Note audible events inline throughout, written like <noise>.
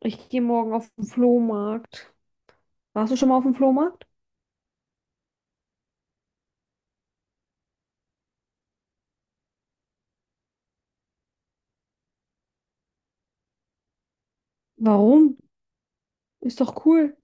Ich gehe morgen auf den Flohmarkt. Warst du schon mal auf dem Flohmarkt? Warum? Ist doch cool.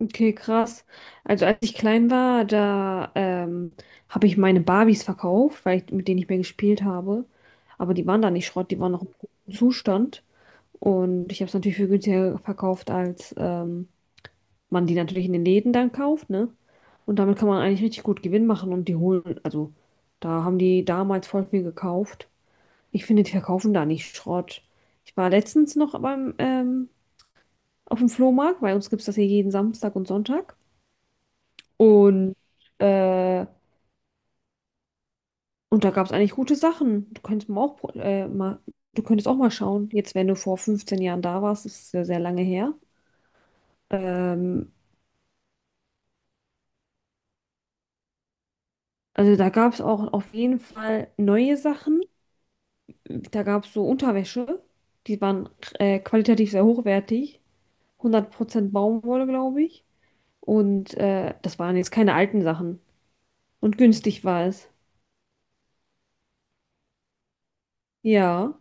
Okay, krass. Also als ich klein war, da habe ich meine Barbies verkauft, mit denen ich mehr gespielt habe. Aber die waren da nicht Schrott, die waren noch im guten Zustand. Und ich habe es natürlich für günstiger verkauft, als man die natürlich in den Läden dann kauft, ne? Und damit kann man eigentlich richtig gut Gewinn machen und die holen, also da haben die damals voll viel gekauft. Ich finde, die verkaufen da nicht Schrott. Ich war letztens noch auf dem Flohmarkt, bei uns gibt es das hier jeden Samstag und Sonntag. Und, äh, und da gab es eigentlich gute Sachen. Du könntest auch mal schauen, jetzt wenn du vor 15 Jahren da warst, das ist ja sehr lange her. Ähm, also da gab es auch auf jeden Fall neue Sachen. Da gab es so Unterwäsche, die waren qualitativ sehr hochwertig. 100% Baumwolle, glaube ich. Und das waren jetzt keine alten Sachen. Und günstig war es. Ja.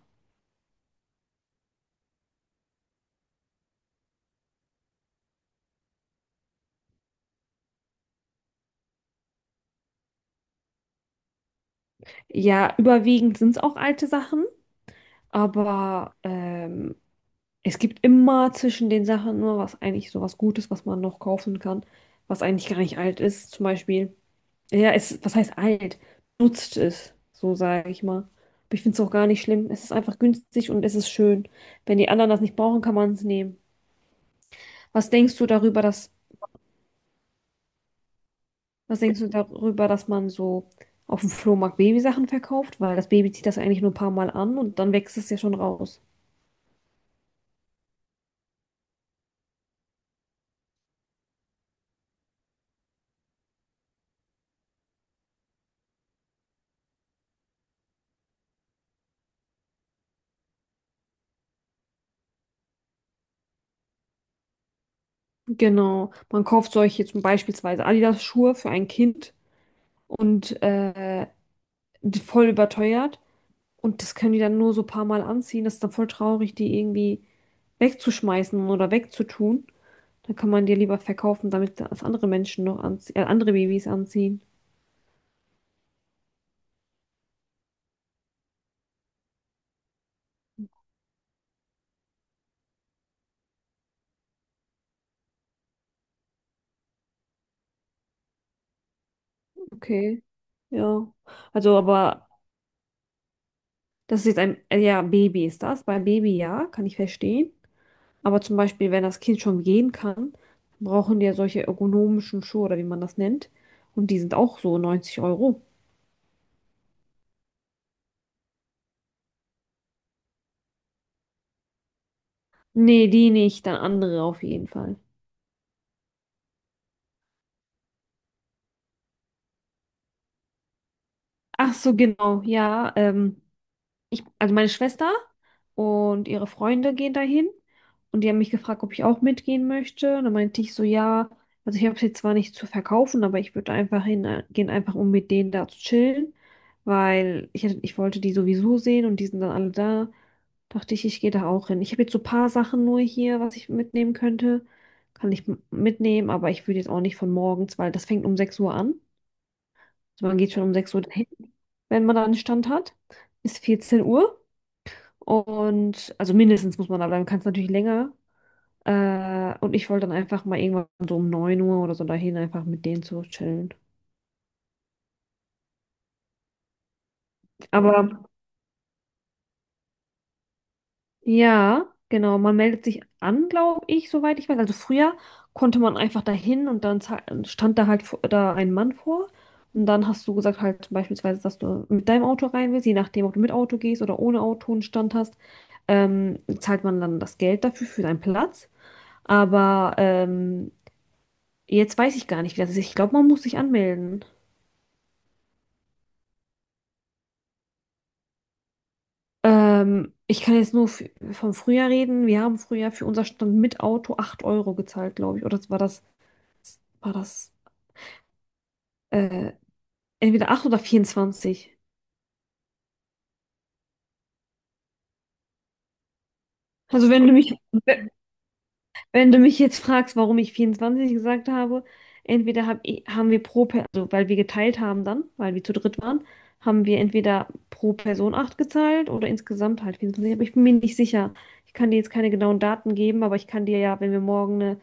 Ja, überwiegend sind es auch alte Sachen, aber es gibt immer zwischen den Sachen nur was eigentlich so was Gutes, was man noch kaufen kann, was eigentlich gar nicht alt ist. Zum Beispiel, ja, es, was heißt alt? Nutzt es, so sage ich mal. Aber ich finde es auch gar nicht schlimm. Es ist einfach günstig und es ist schön. Wenn die anderen das nicht brauchen, kann man es nehmen. Was denkst du darüber, dass Was denkst du darüber, dass man so auf dem Flohmarkt Babysachen verkauft? Weil das Baby zieht das eigentlich nur ein paar Mal an und dann wächst es ja schon raus. Genau. Man kauft solche zum beispielsweise Adidas-Schuhe für ein Kind und die voll überteuert. Und das können die dann nur so ein paar Mal anziehen. Das ist dann voll traurig, die irgendwie wegzuschmeißen oder wegzutun. Dann kann man die lieber verkaufen, damit das andere Menschen noch anziehen, andere Babys anziehen. Okay, ja. Also, aber. Das ist jetzt ein, ja, Baby ist das. Bei Baby ja, kann ich verstehen. Aber zum Beispiel, wenn das Kind schon gehen kann, brauchen die ja solche ergonomischen Schuhe oder wie man das nennt. Und die sind auch so 90 Euro. Nee, die nicht, dann andere auf jeden Fall. Ach so, genau, ja. Also meine Schwester und ihre Freunde gehen dahin und die haben mich gefragt, ob ich auch mitgehen möchte. Und dann meinte ich so, ja, also ich habe es jetzt zwar nicht zu verkaufen, aber ich würde einfach hingehen, einfach um mit denen da zu chillen, ich wollte die sowieso sehen und die sind dann alle da. Dachte ich, ich gehe da auch hin. Ich habe jetzt so ein paar Sachen nur hier, was ich mitnehmen könnte. Kann ich mitnehmen, aber ich würde jetzt auch nicht von morgens, weil das fängt um 6 Uhr an. Also man geht schon um 6 Uhr dahin, wenn man da einen Stand hat. Bis 14 Uhr. Und also mindestens muss man da bleiben, kann es natürlich länger. Und ich wollte dann einfach mal irgendwann so um 9 Uhr oder so dahin einfach mit denen zu chillen. Aber ja, genau, man meldet sich an, glaube ich, soweit ich weiß. Also früher konnte man einfach dahin und dann stand da halt da ein Mann vor. Und dann hast du gesagt halt beispielsweise, dass du mit deinem Auto rein willst, je nachdem, ob du mit Auto gehst oder ohne Auto einen Stand hast, zahlt man dann das Geld dafür für deinen Platz. Aber jetzt weiß ich gar nicht, wie das ist. Ich glaube, man muss sich anmelden. Ich kann jetzt nur vom Frühjahr reden. Wir haben früher für unser Stand mit Auto 8 Euro gezahlt, glaube ich. Oder war das äh, entweder 8 oder 24. Also wenn du mich jetzt fragst, warum ich 24 gesagt habe, haben wir pro Person, also weil wir geteilt haben dann, weil wir zu dritt waren, haben wir entweder pro Person 8 gezahlt oder insgesamt halt 24. Aber ich bin mir nicht sicher. Ich kann dir jetzt keine genauen Daten geben, aber ich kann dir ja, wenn wir morgen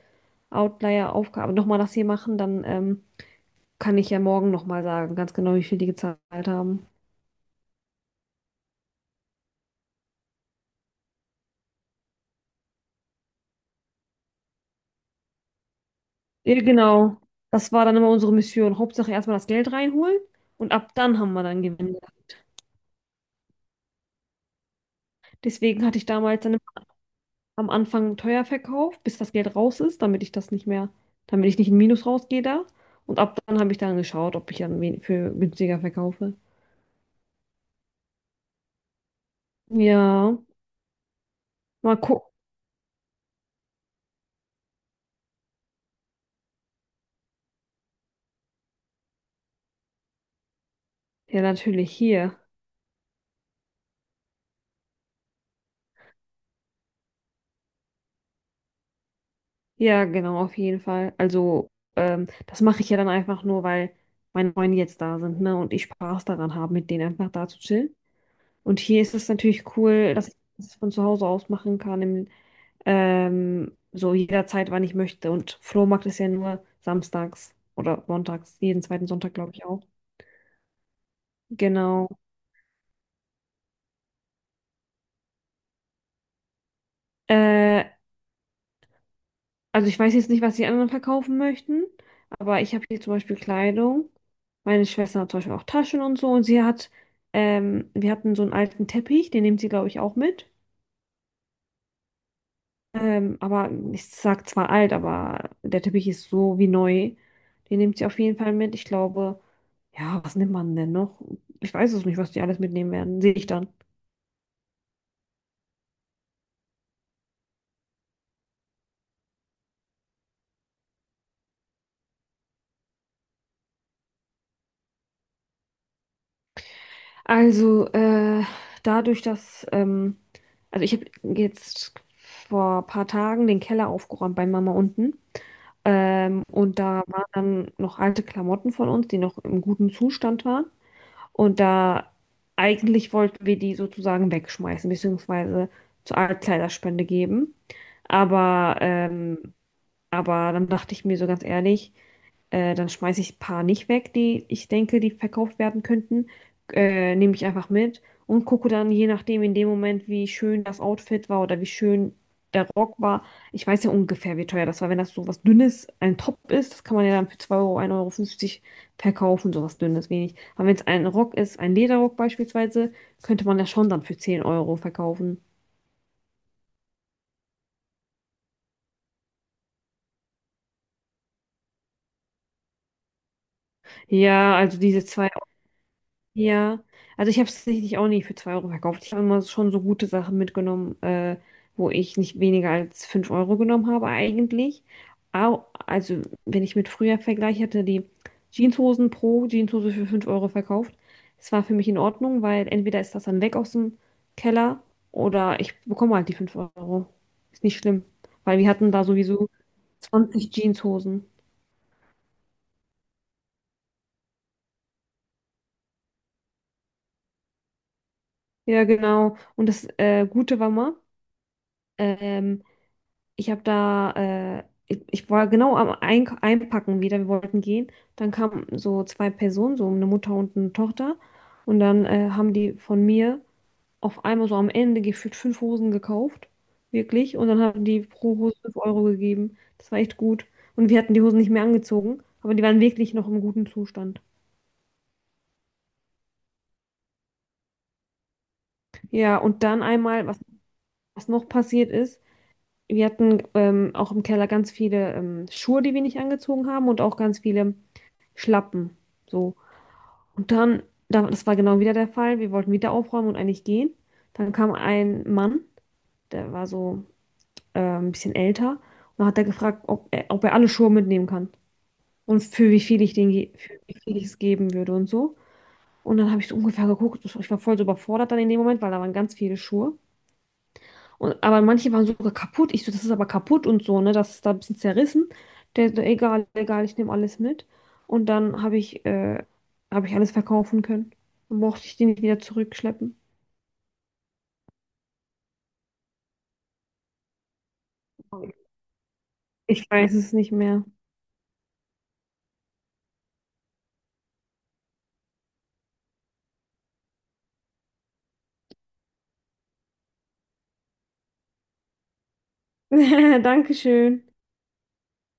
Outlier-Aufgabe nochmal das hier machen, dann kann ich ja morgen nochmal sagen, ganz genau, wie viel die gezahlt haben. Ja, genau. Das war dann immer unsere Mission. Hauptsache erstmal das Geld reinholen und ab dann haben wir dann Gewinn gehabt. Deswegen hatte ich damals dann am Anfang teuer verkauft, bis das Geld raus ist, damit ich das nicht mehr, damit ich nicht in Minus rausgehe da. Und ab dann habe ich dann geschaut, ob ich dann für günstiger verkaufe. Ja, mal gucken. Ja, natürlich hier. Ja, genau, auf jeden Fall. Also, das mache ich ja dann einfach nur, weil meine Freunde jetzt da sind, ne, und ich Spaß daran habe, mit denen einfach da zu chillen. Und hier ist es natürlich cool, dass ich das von zu Hause aus machen kann, so jederzeit, wann ich möchte. Und Flohmarkt ist ja nur samstags oder sonntags, jeden zweiten Sonntag, glaube ich auch. Genau. Äh, Also ich weiß jetzt nicht, was die anderen verkaufen möchten, aber ich habe hier zum Beispiel Kleidung. Meine Schwester hat zum Beispiel auch Taschen und so und wir hatten so einen alten Teppich, den nimmt sie, glaube ich, auch mit. Aber ich sag zwar alt, aber der Teppich ist so wie neu. Den nimmt sie auf jeden Fall mit. Ich glaube, ja, was nimmt man denn noch? Ich weiß es nicht, was die alles mitnehmen werden. Sehe ich dann. Also, äh, dadurch, dass, ähm, also ich habe jetzt vor ein paar Tagen den Keller aufgeräumt bei Mama unten. Und da waren dann noch alte Klamotten von uns, die noch im guten Zustand waren. Und da eigentlich wollten wir die sozusagen wegschmeißen, beziehungsweise zur Altkleiderspende geben. Aber, ähm, aber dann dachte ich mir so ganz ehrlich, dann schmeiße ich ein paar nicht weg, die ich denke, die verkauft werden könnten. Nehme ich einfach mit und gucke dann, je nachdem, in dem Moment, wie schön das Outfit war oder wie schön der Rock war. Ich weiß ja ungefähr, wie teuer das war. Wenn das so was Dünnes, ein Top ist, das kann man ja dann für 2 Euro, 1,50 Euro verkaufen, so was Dünnes, wenig. Aber wenn es ein Rock ist, ein Lederrock beispielsweise, könnte man das schon dann für 10 Euro verkaufen. Ja, also diese zwei. Ja, also ich habe es tatsächlich auch nicht für 2 Euro verkauft. Ich habe immer schon so gute Sachen mitgenommen, wo ich nicht weniger als 5 Euro genommen habe eigentlich. Au, also wenn ich mit früher vergleiche, hatte die Jeanshosen pro Jeanshose für 5 Euro verkauft. Es war für mich in Ordnung, weil entweder ist das dann weg aus dem Keller oder ich bekomme halt die 5 Euro. Ist nicht schlimm, weil wir hatten da sowieso 20 Jeanshosen. Ja, genau. Und das Gute war mal, ähm, ich habe da, ich war genau am Eink Einpacken wieder, wir wollten gehen. Dann kamen so zwei Personen, so eine Mutter und eine Tochter. Und dann haben die von mir auf einmal so am Ende gefühlt fünf Hosen gekauft. Wirklich. Und dann haben die pro Hose 5 Euro gegeben. Das war echt gut. Und wir hatten die Hosen nicht mehr angezogen, aber die waren wirklich noch im guten Zustand. Ja, und dann einmal, was noch passiert ist, wir hatten auch im Keller ganz viele Schuhe, die wir nicht angezogen haben und auch ganz viele Schlappen. So. Und dann, das war genau wieder der Fall. Wir wollten wieder aufräumen und eigentlich gehen. Dann kam ein Mann, der war so ein bisschen älter. Und dann hat er gefragt, ob er alle Schuhe mitnehmen kann. Und für wie viel ich für wie viel ich es geben würde und so. Und dann habe ich so ungefähr geguckt. Ich war voll so überfordert dann in dem Moment, weil da waren ganz viele Schuhe. Und, aber manche waren sogar kaputt. Ich so, das ist aber kaputt und so, ne? Das ist da ein bisschen zerrissen. Der so, egal, egal, ich nehme alles mit. Und dann habe ich alles verkaufen können. Dann brauchte ich die nicht wieder zurückschleppen. Ich weiß es nicht mehr. <laughs> Dankeschön.